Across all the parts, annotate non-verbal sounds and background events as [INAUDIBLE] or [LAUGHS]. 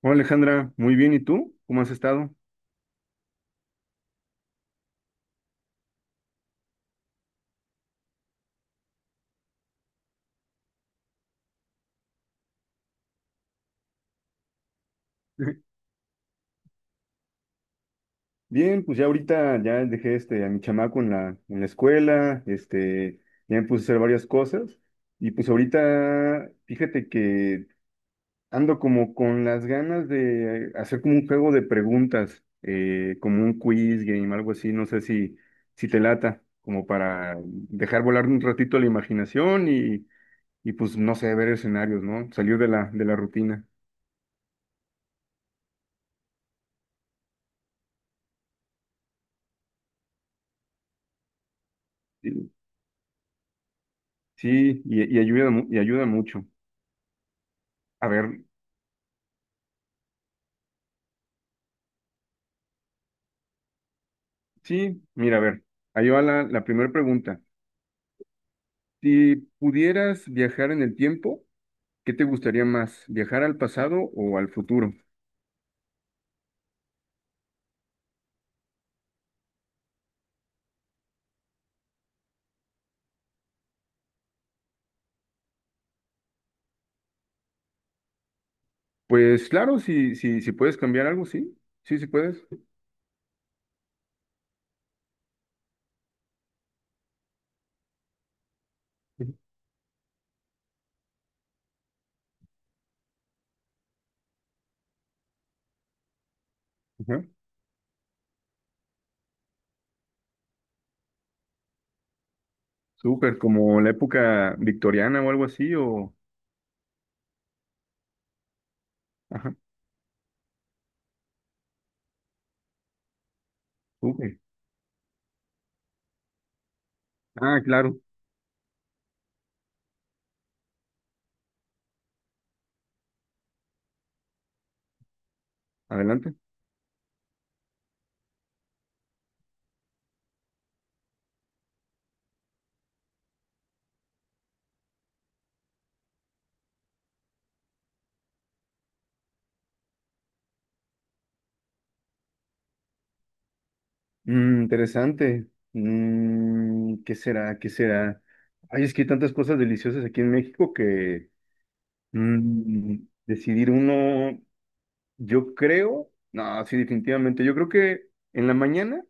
Hola Alejandra, muy bien, ¿y tú? ¿Cómo has estado? [LAUGHS] Bien, pues ya ahorita ya dejé a mi chamaco en la escuela, ya me puse a hacer varias cosas y pues ahorita fíjate que ando como con las ganas de hacer como un juego de preguntas, como un quiz game, algo así, no sé si te lata, como para dejar volar un ratito la imaginación y pues no sé, ver escenarios, ¿no? Salir de la rutina. Sí, y ayuda, y ayuda mucho. A ver, sí, mira, a ver, ahí va la primera pregunta. Si pudieras viajar en el tiempo, ¿qué te gustaría más? ¿Viajar al pasado o al futuro? Pues claro, si puedes cambiar algo, sí, sí, sí puedes. Ujú. Ajá. Súper, como la época victoriana o algo así, o. Ajá, súper. Ah, claro, adelante. Mm, interesante. ¿Qué será? ¿Qué será? Ay, es que hay tantas cosas deliciosas aquí en México que. Mm, Decidir uno, yo creo, no, sí, definitivamente, yo creo que en la mañana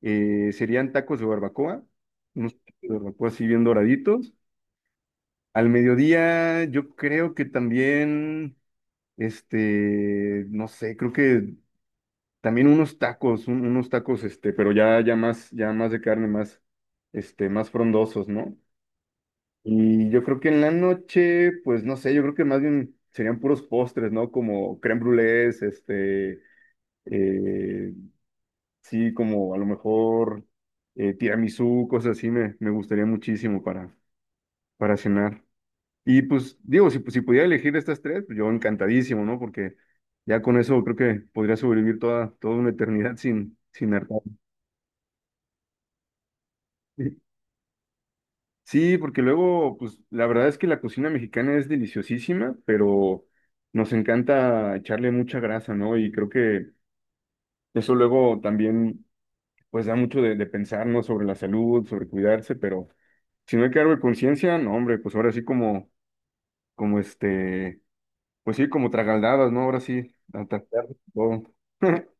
serían tacos de barbacoa, unos tacos de barbacoa así bien doraditos. Al mediodía yo creo que también, no sé, creo que también unos tacos, pero ya más de carne, más, más frondosos, ¿no? Y yo creo que en la noche, pues no sé, yo creo que más bien serían puros postres, ¿no? Como crème brûlés, eh, sí, como a lo mejor tiramisú, cosas así, me gustaría muchísimo para cenar. Y pues digo, pues, si pudiera elegir estas tres, pues yo encantadísimo, ¿no? Porque ya con eso creo que podría sobrevivir toda una eternidad [LAUGHS] sin hartar. [LAUGHS] Sí, porque luego, pues la verdad es que la cocina mexicana es deliciosísima, pero nos encanta echarle mucha grasa, ¿no? Y creo que eso luego también, pues da mucho de pensar, ¿no? Sobre la salud, sobre cuidarse, pero si no hay cargo de conciencia, no, hombre, pues ahora sí como, como pues sí, como tragaldadas, ¿no? Ahora sí, a tratar todo. [LAUGHS]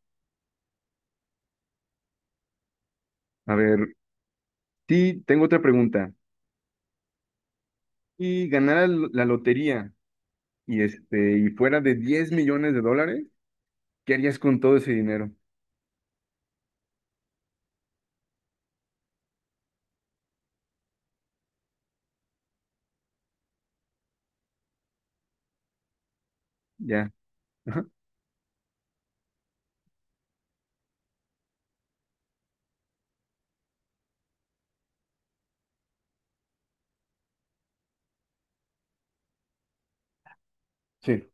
A ver, sí, tengo otra pregunta. Si ganara la lotería y fuera de 10 millones de dólares, ¿qué harías con todo ese dinero? Ya. Ajá. Sí.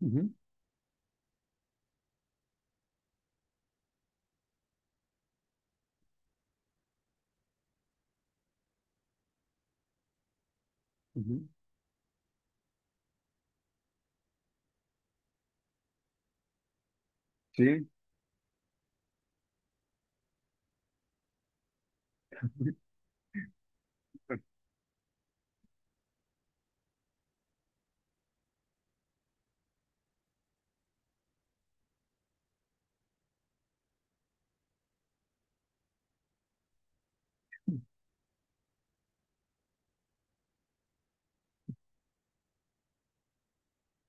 Ujú, ujú. Sí.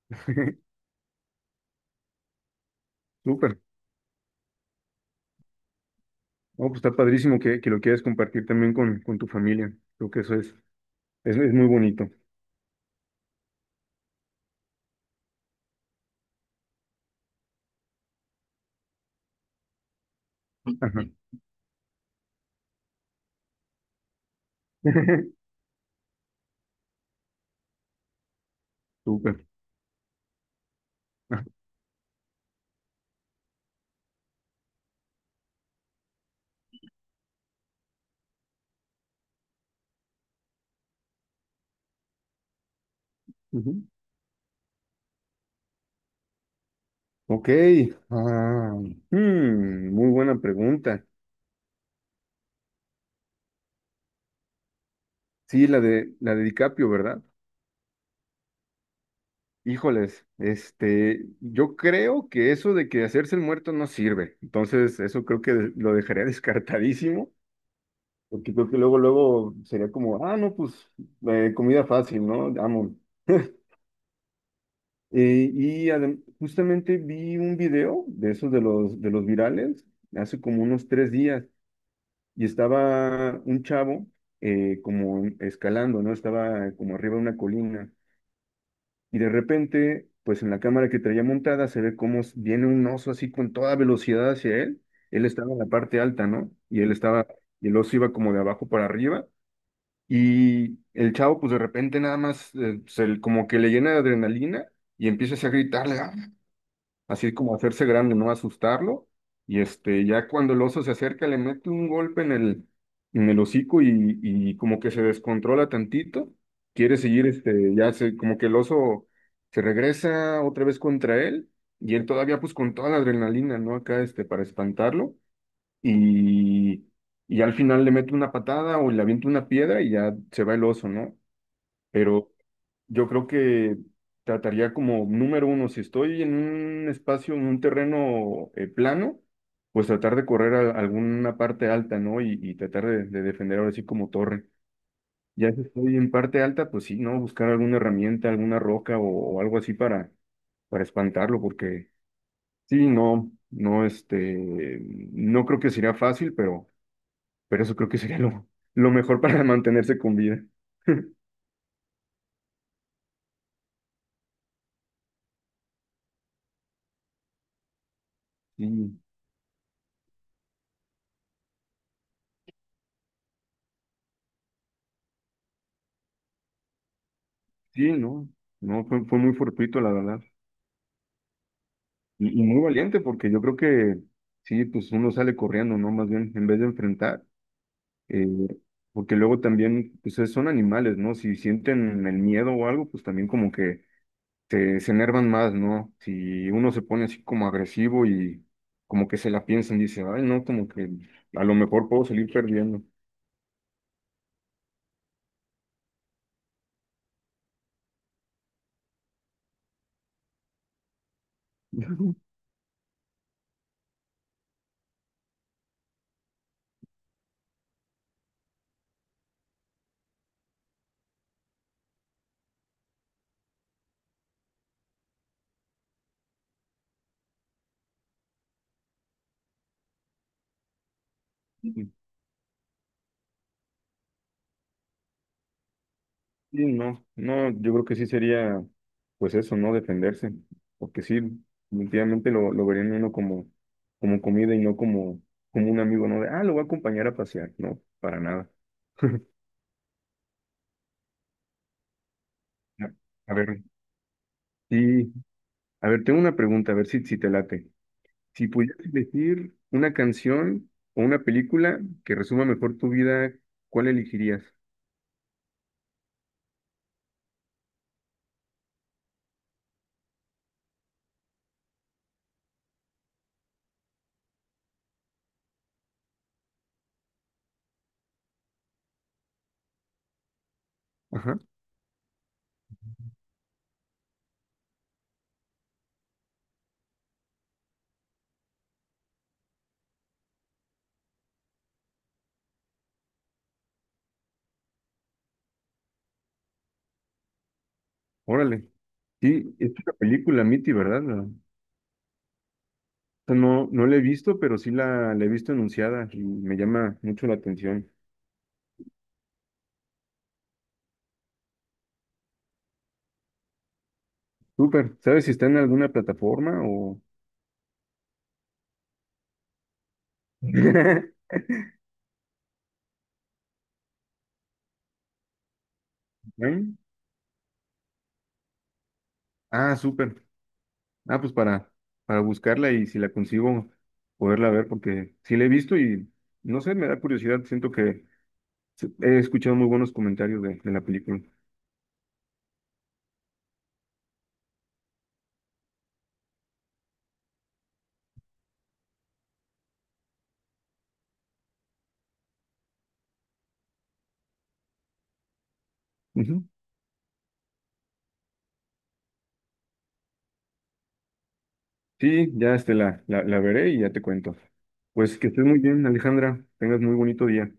[LAUGHS] Súper. No, pues está padrísimo que lo quieras compartir también con tu familia. Creo que eso es muy bonito. Ajá. [LAUGHS] Súper. Ajá. Ujú. Ok. Ah, muy buena pregunta. Sí, la de DiCaprio, ¿verdad? Híjoles, yo creo que eso de que hacerse el muerto no sirve. Entonces, eso creo que lo dejaría [LAUGHS] descartadísimo. Porque creo que luego sería como, ah, no, pues comida fácil, ¿no? Amo. Y justamente vi un video de esos de de los virales hace como unos 3 días y estaba un chavo como escalando, ¿no? Estaba como arriba de una colina y de repente, pues en la cámara que traía montada se ve cómo viene un oso así con toda velocidad hacia él. Él estaba en la parte alta, ¿no? Y él estaba, y el oso iba como de abajo para arriba. Y el chavo, pues de repente nada más, como que le llena de adrenalina y empieza así a gritarle, "Ah", así como a hacerse grande, no asustarlo. Y ya cuando el oso se acerca, le mete un golpe en en el hocico y como que se descontrola tantito. Quiere seguir, ya se, como que el oso se regresa otra vez contra él y él todavía, pues con toda la adrenalina, ¿no? Acá, para espantarlo y, y al final le meto una patada o le aviento una piedra y ya se va el oso, ¿no? Pero yo creo que trataría como número uno, si estoy en un espacio, en un terreno plano, pues tratar de correr a alguna parte alta, ¿no? Y tratar de defender ahora sí como torre. Ya si estoy en parte alta, pues sí, ¿no? Buscar alguna herramienta, alguna roca o algo así para espantarlo, porque sí, no, no, no creo que sería fácil, pero eso creo que sería lo mejor para mantenerse con vida. [LAUGHS] Sí, sí, no, no, fue muy fortuito, la verdad. Y muy valiente, porque yo creo que sí, pues uno sale corriendo, ¿no? Más bien, en vez de enfrentar, eh, porque luego también, pues son animales, ¿no? Si sienten el miedo o algo, pues también como que se enervan más, ¿no? Si uno se pone así como agresivo y como que se la piensan, dice, ay, no, como que a lo mejor puedo salir perdiendo. [LAUGHS] Sí, no, no, yo creo que sí sería, pues eso, ¿no? Defenderse, porque sí, definitivamente lo verían uno como, como comida y no como, como un amigo, ¿no? De, ah, lo voy a acompañar a pasear, no, para nada. A a ver, sí, a ver, tengo una pregunta, a ver si te late. Si pudieras elegir una canción o una película que resuma mejor tu vida, ¿cuál elegirías? Ajá, órale. Sí, es una película, Mitty, ¿verdad? Esa. No, no la he visto, pero sí la he visto anunciada y me llama mucho la atención. Súper. ¿Sabes si está en alguna plataforma o? [LAUGHS] ¿Eh? Ah, súper. Ah, pues para buscarla y si la consigo, poderla ver, porque sí la he visto y no sé, me da curiosidad. Siento que he escuchado muy buenos comentarios de la película. Ujú. Sí, ya la veré y ya te cuento. Pues que estés muy bien, Alejandra. Tengas muy bonito día.